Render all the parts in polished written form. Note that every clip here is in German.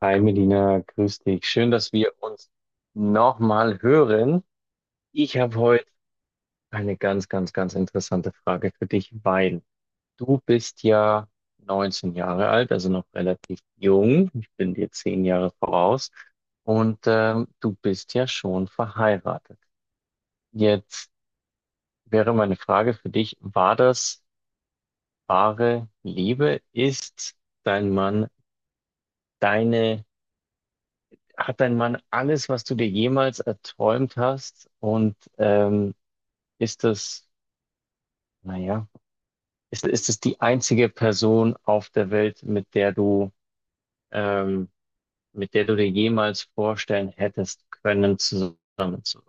Hi Melina, grüß dich. Schön, dass wir uns nochmal hören. Ich habe heute eine ganz interessante Frage für dich, weil du bist ja 19 Jahre alt, also noch relativ jung. Ich bin dir 10 Jahre voraus und du bist ja schon verheiratet. Jetzt wäre meine Frage für dich, war das wahre Liebe? Ist dein Mann deine Hat dein Mann alles, was du dir jemals erträumt hast? Und ist das, naja, ist das die einzige Person auf der Welt, ähm, mit der du dir jemals vorstellen hättest können, zusammen zu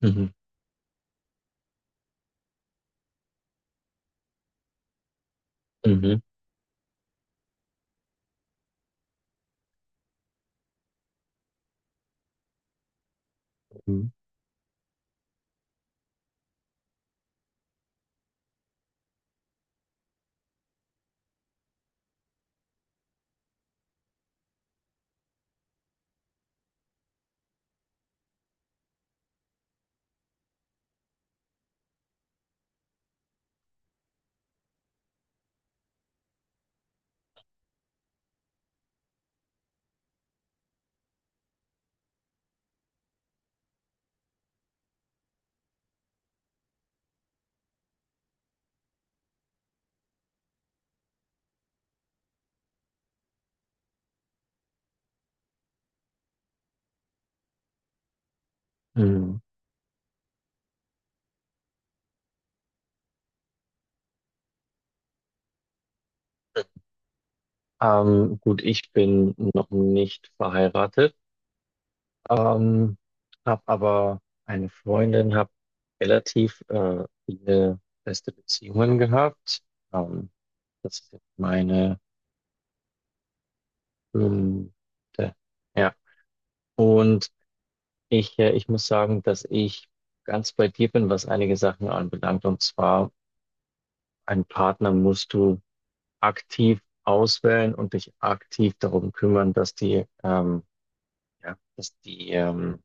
sein? Mhm. Mhm. Mhm. Mhm. Gut, ich bin noch nicht verheiratet. Ähm, habe aber eine Freundin, habe relativ viele feste Beziehungen gehabt. Ähm, das ist jetzt meine fünfte. Ja. Und ich muss sagen, dass ich ganz bei dir bin, was einige Sachen anbelangt. Und zwar, einen Partner musst du aktiv auswählen und dich aktiv darum kümmern, dass die, ja,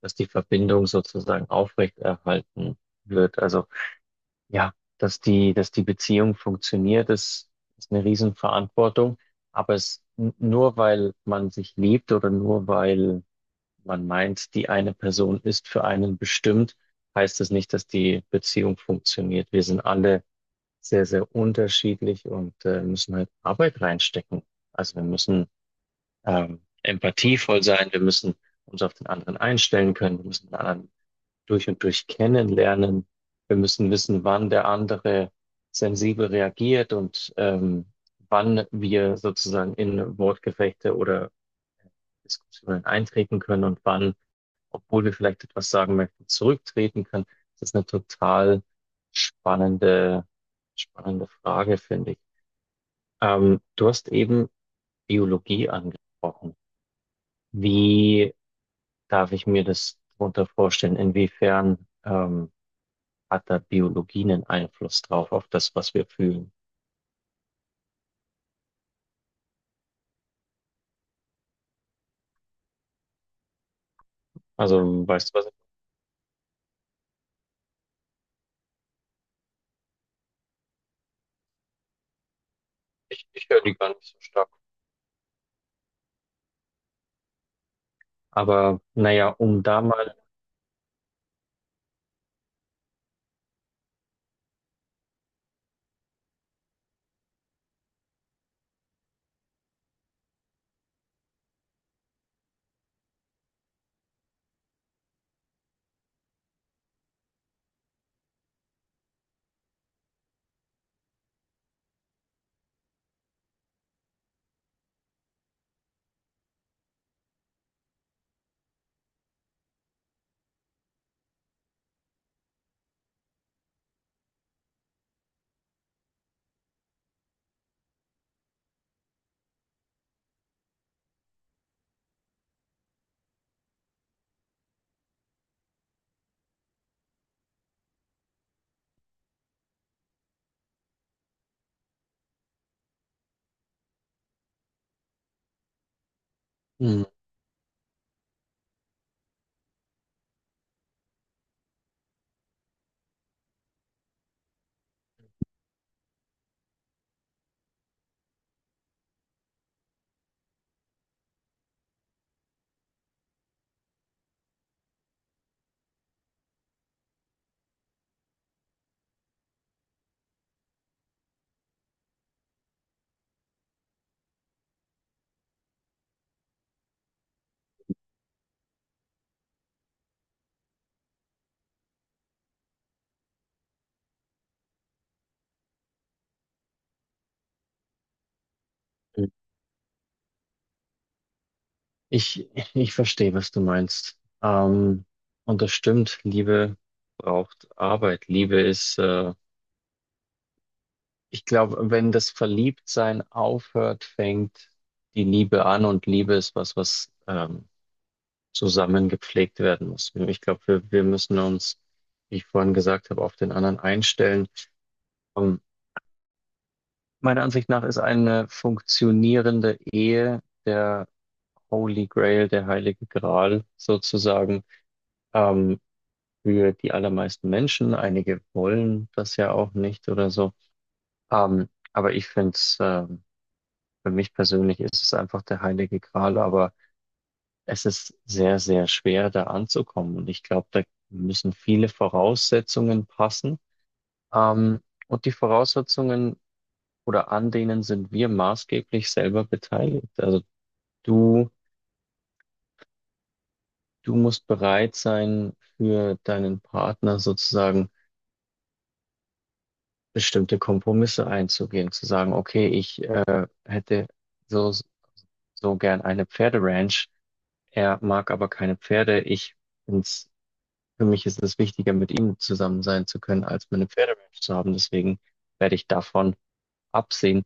dass die Verbindung sozusagen aufrechterhalten wird. Also ja, dass die Beziehung funktioniert, ist eine Riesenverantwortung. Aber nur weil man sich liebt oder nur weil man meint, die eine Person ist für einen bestimmt, heißt es nicht, dass die Beziehung funktioniert. Wir sind alle sehr unterschiedlich und müssen halt Arbeit reinstecken. Also wir müssen empathievoll sein, wir müssen uns auf den anderen einstellen können, wir müssen mit anderen durch und durch kennenlernen. Wir müssen wissen, wann der andere sensibel reagiert und wann wir sozusagen in Wortgefechte oder Diskussionen eintreten können und wann, obwohl wir vielleicht etwas sagen möchten, zurücktreten können. Das ist eine total spannende, spannende Frage, finde ich. Du hast eben Biologie angesprochen. Wie darf ich mir das darunter vorstellen? Inwiefern hat da Biologie einen Einfluss drauf, auf das, was wir fühlen. Also, weißt du was? Ich höre die gar nicht so stark. Aber naja, um da mal. Hm, Ich, ich verstehe, was du meinst. Und das stimmt, Liebe braucht Arbeit. Ich glaube, wenn das Verliebtsein aufhört, fängt die Liebe an und Liebe ist was, was zusammen gepflegt werden muss. Ich glaube, wir müssen uns, wie ich vorhin gesagt habe, auf den anderen einstellen. Ähm, Meiner Ansicht nach ist eine funktionierende Ehe der Holy Grail, der Heilige Gral sozusagen, ähm, für die allermeisten Menschen. Einige wollen das ja auch nicht oder so. Aber für mich persönlich ist es einfach der Heilige Gral, aber es ist sehr schwer, da anzukommen. Und ich glaube, da müssen viele Voraussetzungen passen. Ähm, und die Voraussetzungen oder an denen sind wir maßgeblich selber beteiligt. Du, du musst bereit sein, für deinen Partner sozusagen bestimmte Kompromisse einzugehen, zu sagen, okay, ich hätte so, so gern eine Pferderanch, er mag aber keine Pferde, find's, für mich ist es wichtiger, mit ihm zusammen sein zu können, als meine Pferderanch zu haben, deswegen werde ich davon absehen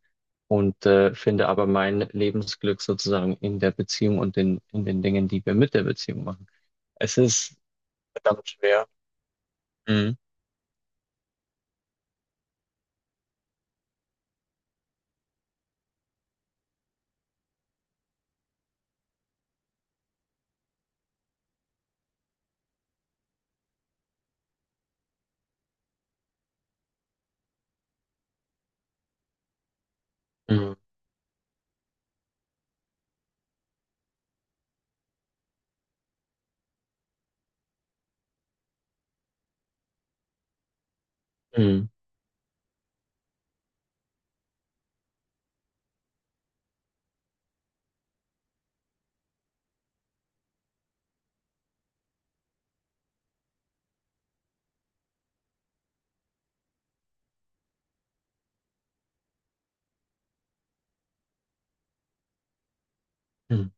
und finde aber mein Lebensglück sozusagen in der Beziehung und in den Dingen, die wir mit der Beziehung machen. Es ist verdammt schwer. Mhm. Mhm. Mhm.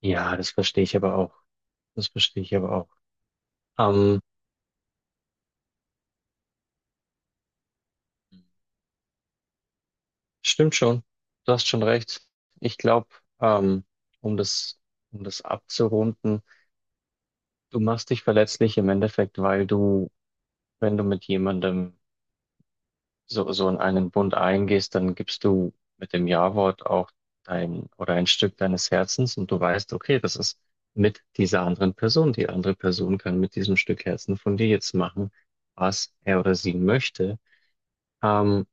Ja, das verstehe ich aber auch. Das verstehe ich aber auch. Ähm, stimmt schon. Du hast schon recht. Ich glaube, ähm, um das, um das abzurunden, du machst dich verletzlich im Endeffekt, weil du, wenn du mit jemandem so in einen Bund eingehst, dann gibst du mit dem Ja-Wort auch dein oder ein Stück deines Herzens und du weißt, okay, das ist mit dieser anderen Person. Die andere Person kann mit diesem Stück Herzen von dir jetzt machen, was er oder sie möchte. Ähm,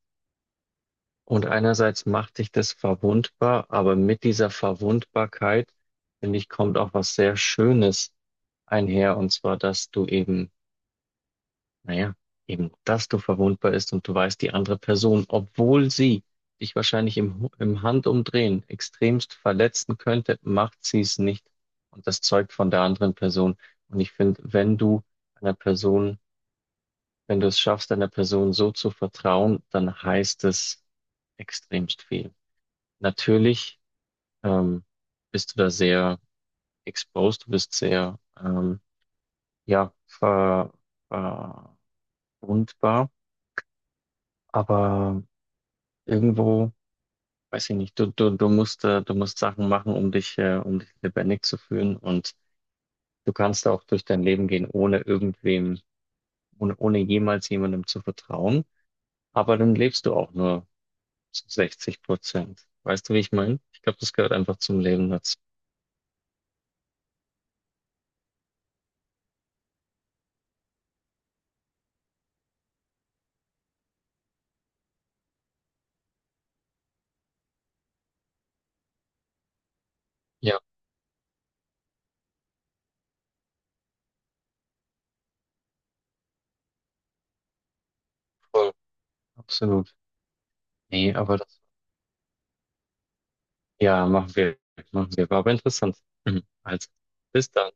und einerseits macht dich das verwundbar, aber mit dieser Verwundbarkeit, finde ich, kommt auch was sehr Schönes einher. Und zwar, dass du eben, naja, eben, dass du verwundbar bist und du weißt, die andere Person, obwohl sie dich wahrscheinlich im Handumdrehen extremst verletzen könnte, macht sie es nicht. Und das zeugt von der anderen Person. Und ich finde, wenn einer Person, wenn du es schaffst, einer Person so zu vertrauen, dann heißt es extremst viel. Natürlich ähm, bist du da sehr exposed, du bist sehr ja, ver, verwundbar, aber irgendwo, weiß ich nicht, du musst Sachen machen, um dich lebendig zu fühlen und du kannst auch durch dein Leben gehen, ohne jemals jemandem zu vertrauen, aber dann lebst du auch nur zu 60%. Weißt du, wie ich meine? Ich glaube, das gehört einfach zum Leben dazu. Ja, voll, absolut. Nee, aber das ja, machen wir. Machen wir. War aber interessant. Mhm. Also, bis dann.